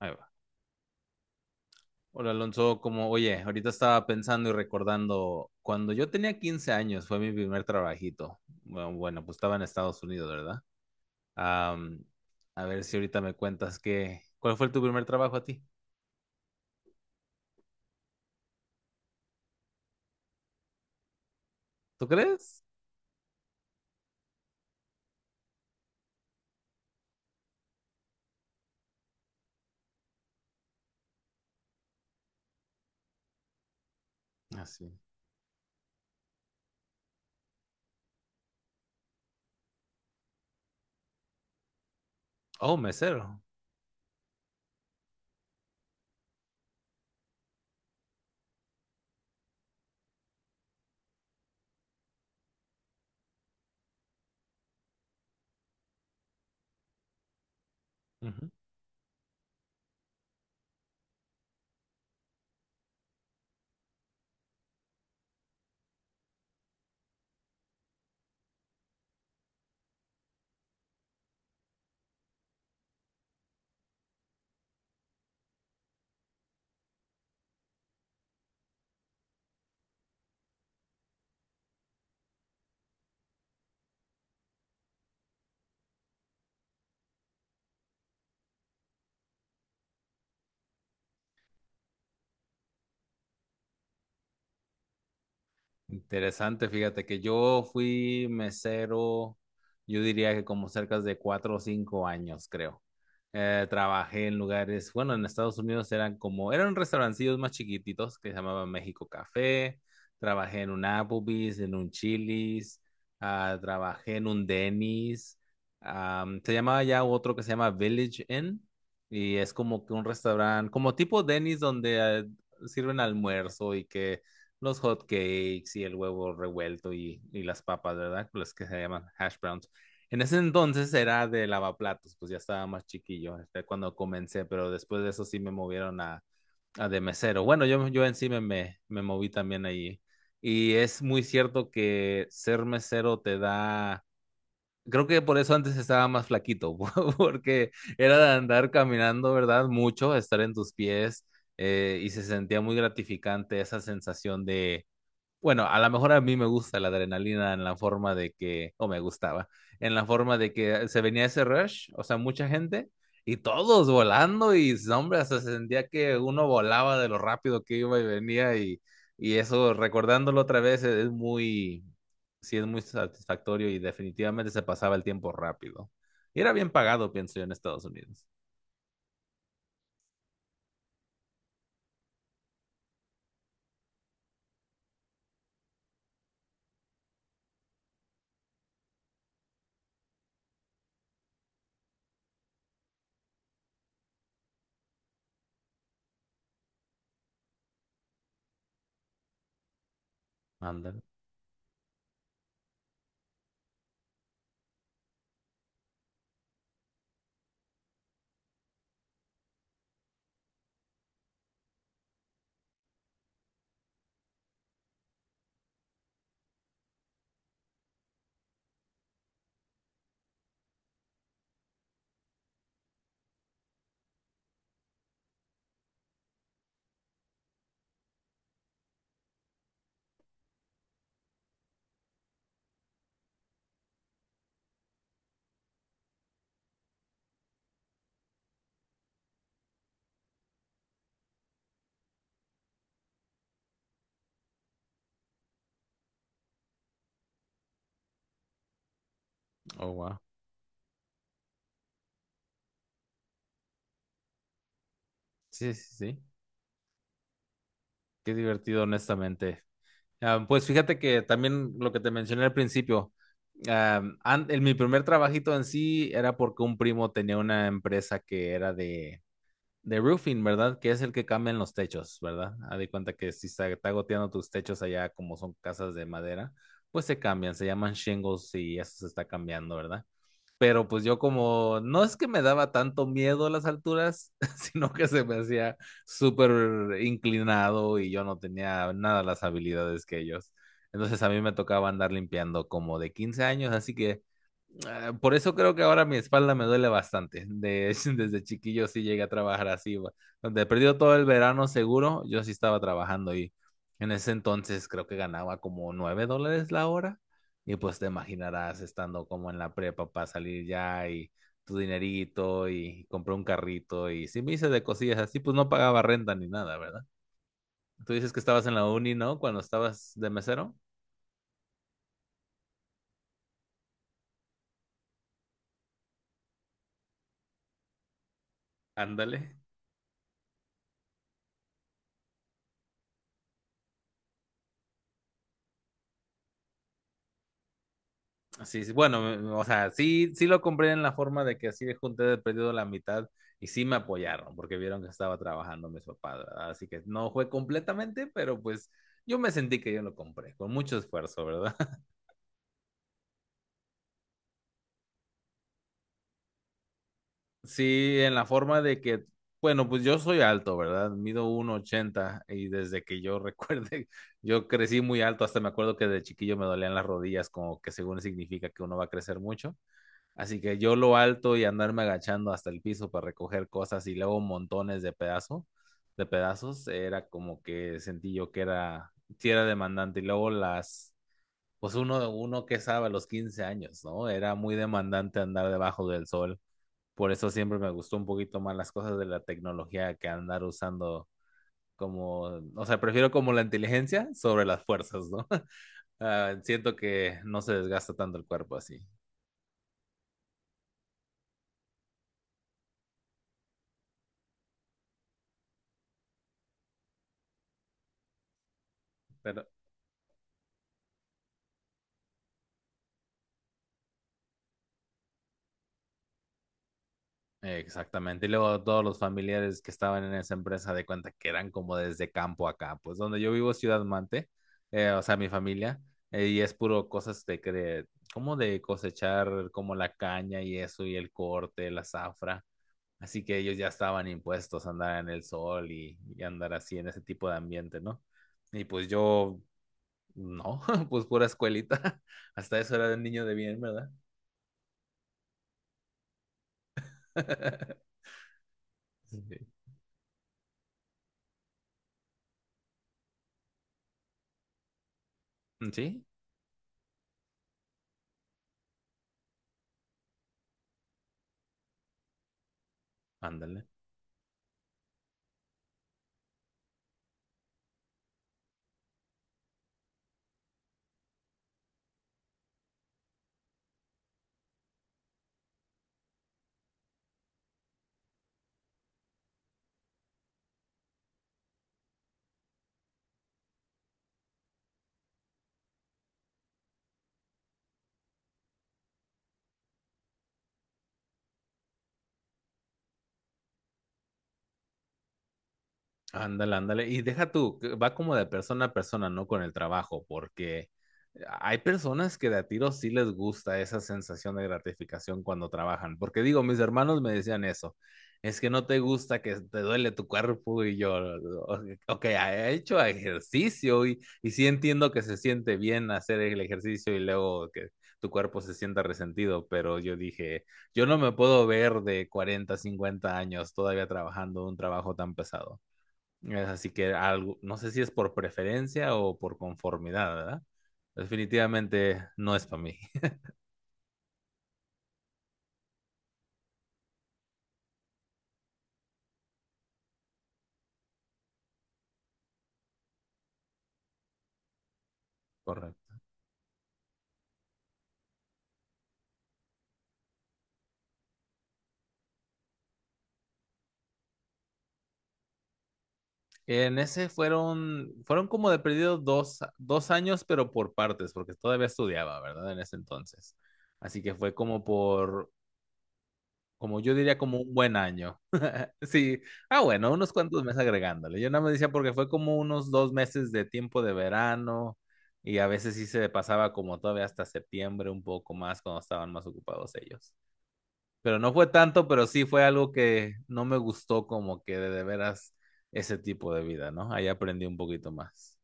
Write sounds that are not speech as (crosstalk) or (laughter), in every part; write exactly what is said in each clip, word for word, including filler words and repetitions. Ahí va. Hola Alonso, como oye, ahorita estaba pensando y recordando, cuando yo tenía quince años fue mi primer trabajito. Bueno, bueno, pues estaba en Estados Unidos, ¿verdad? Am, a ver si ahorita me cuentas que, ¿cuál fue tu primer trabajo a ti? ¿Tú crees? Así. Oh, mesero. Interesante, fíjate que yo fui mesero, yo diría que como cerca de cuatro o cinco años, creo. Eh, trabajé en lugares, bueno, en Estados Unidos eran como, eran restaurancillos más chiquititos que se llamaban México Café, trabajé en un Applebee's, en un Chili's, ah, trabajé en un Denny's, am, se llamaba ya otro que se llama Village Inn y es como que un restaurante, como tipo Denny's donde eh, sirven almuerzo y que los hot cakes y el huevo revuelto y, y las papas, ¿verdad? Las que se llaman hash browns. En ese entonces era de lavaplatos, pues ya estaba más chiquillo este, cuando comencé, pero después de eso sí me movieron a, a de mesero. Bueno, yo, yo en sí me, me, me moví también allí. Y es muy cierto que ser mesero te da... Creo que por eso antes estaba más flaquito, (laughs) porque era de andar caminando, ¿verdad? Mucho, estar en tus pies, eh, y se sentía muy gratificante esa sensación de, bueno, a lo mejor a mí me gusta la adrenalina en la forma de que, o me gustaba, en la forma de que se venía ese rush, o sea, mucha gente y todos volando y, hombre, hasta se sentía que uno volaba de lo rápido que iba y venía y, y eso, recordándolo otra vez, es es muy, sí, es muy satisfactorio y definitivamente se pasaba el tiempo rápido. Y era bien pagado, pienso yo, en Estados Unidos. Ándale. Oh, wow. Sí, sí, sí. Qué divertido, honestamente. Ah, pues fíjate que también lo que te mencioné al principio, am, an- el- mi primer trabajito en sí era porque un primo tenía una empresa que era de, de roofing, ¿verdad? Que es el que cambian los techos, ¿verdad? Haz de cuenta que si está, está goteando tus techos allá, como son casas de madera, pues se cambian, se llaman shingles y eso se está cambiando, ¿verdad? Pero pues yo como no es que me daba tanto miedo las alturas, (laughs) sino que se me hacía súper inclinado y yo no tenía nada las habilidades que ellos. Entonces a mí me tocaba andar limpiando como de quince años, así que, ah, por eso creo que ahora mi espalda me duele bastante. De, (laughs) desde chiquillo sí llegué a trabajar así. Va. Donde perdió todo el verano seguro, yo sí estaba trabajando y en ese entonces creo que ganaba como nueve dólares la hora. Y pues te imaginarás estando como en la prepa para salir ya y tu dinerito y compré un carrito y sí me hice de cosillas así, pues no pagaba renta ni nada, ¿verdad? Tú dices que estabas en la uni, ¿no? Cuando estabas de mesero. Ándale. Sí, sí, bueno, o sea, sí, sí lo compré en la forma de que así junté de perdido la mitad y sí me apoyaron porque vieron que estaba trabajando mis papás, ¿verdad? Así que no fue completamente, pero pues yo me sentí que yo lo compré con mucho esfuerzo, ¿verdad? (laughs) Sí, en la forma de que, bueno, pues yo soy alto, ¿verdad? Mido uno ochenta y desde que yo recuerde, (laughs) yo crecí muy alto, hasta me acuerdo que de chiquillo me dolían las rodillas, como que según significa que uno va a crecer mucho. Así que yo lo alto y andarme agachando hasta el piso para recoger cosas y luego montones de pedazos, de pedazos, era como que sentí yo que era, sí era demandante. Y luego las, pues uno, uno que sabe, a los quince años, ¿no? Era muy demandante andar debajo del sol. Por eso siempre me gustó un poquito más las cosas de la tecnología que andar usando como, o sea, prefiero como la inteligencia sobre las fuerzas, ¿no? (laughs) Ah, siento que no se desgasta tanto el cuerpo así. Pero Exactamente. Y luego todos los familiares que estaban en esa empresa de cuenta que eran como desde campo acá pues donde yo vivo, Ciudad Mante, eh, o sea, mi familia, eh, y es puro cosas de, que de- como de cosechar como la caña y eso, y el corte, la zafra. Así que ellos ya estaban impuestos a andar en el sol y, y andar así en ese tipo de ambiente, ¿no? Y pues yo, no, (laughs) pues pura escuelita. (laughs) Hasta eso era de niño de bien, ¿verdad? (laughs) Sí, sí, ándale. Ándale, ándale. Y deja tú, que va como de persona a persona, no con el trabajo, porque hay personas que de a tiro sí les gusta esa sensación de gratificación cuando trabajan. Porque digo, mis hermanos me decían eso, es que no te gusta que te duele tu cuerpo y yo, o- ok, he hecho ejercicio y, y sí entiendo que se siente bien hacer el ejercicio y luego que tu cuerpo se sienta resentido, pero yo dije, yo no me puedo ver de cuarenta cincuenta años todavía trabajando un trabajo tan pesado. Es así que algo, no sé si es por preferencia o por conformidad, ¿verdad? Definitivamente no es para mí. (laughs) Correcto. En ese fueron, fueron como de perdido dos, dos años, pero por partes, porque todavía estudiaba, ¿verdad? En ese entonces. Así que fue como por, como yo diría, como un buen año. (laughs) Sí, ah, bueno, unos cuantos meses agregándole. Yo nada me decía porque fue como unos dos meses de tiempo de verano y a veces sí se pasaba como todavía hasta septiembre un poco más cuando estaban más ocupados ellos. Pero no fue tanto, pero sí fue algo que no me gustó como que de, de veras ese tipo de vida, ¿no? Ahí aprendí un poquito más.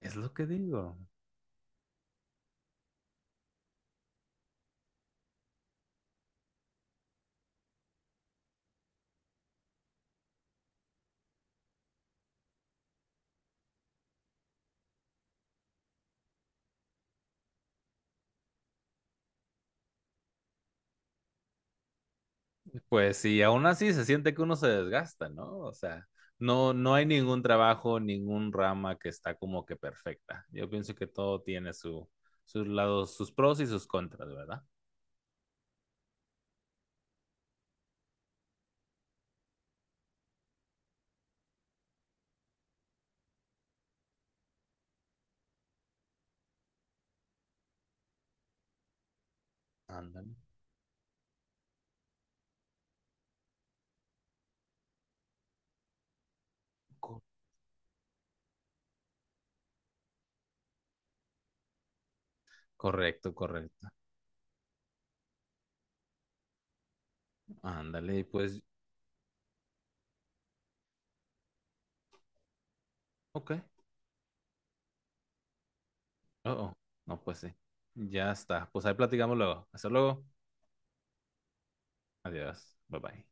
Es lo que digo. Pues sí, aún así se siente que uno se desgasta, ¿no? O sea, no, no hay ningún trabajo, ningún rama que está como que perfecta. Yo pienso que todo tiene su, sus lados, sus pros y sus contras, ¿verdad? Ándale. Co- Correcto, correcto. Ándale, pues, ok. Oh, oh. No, pues sí. Ya está. Pues ahí platicamos luego. Hasta luego. Adiós. Bye bye.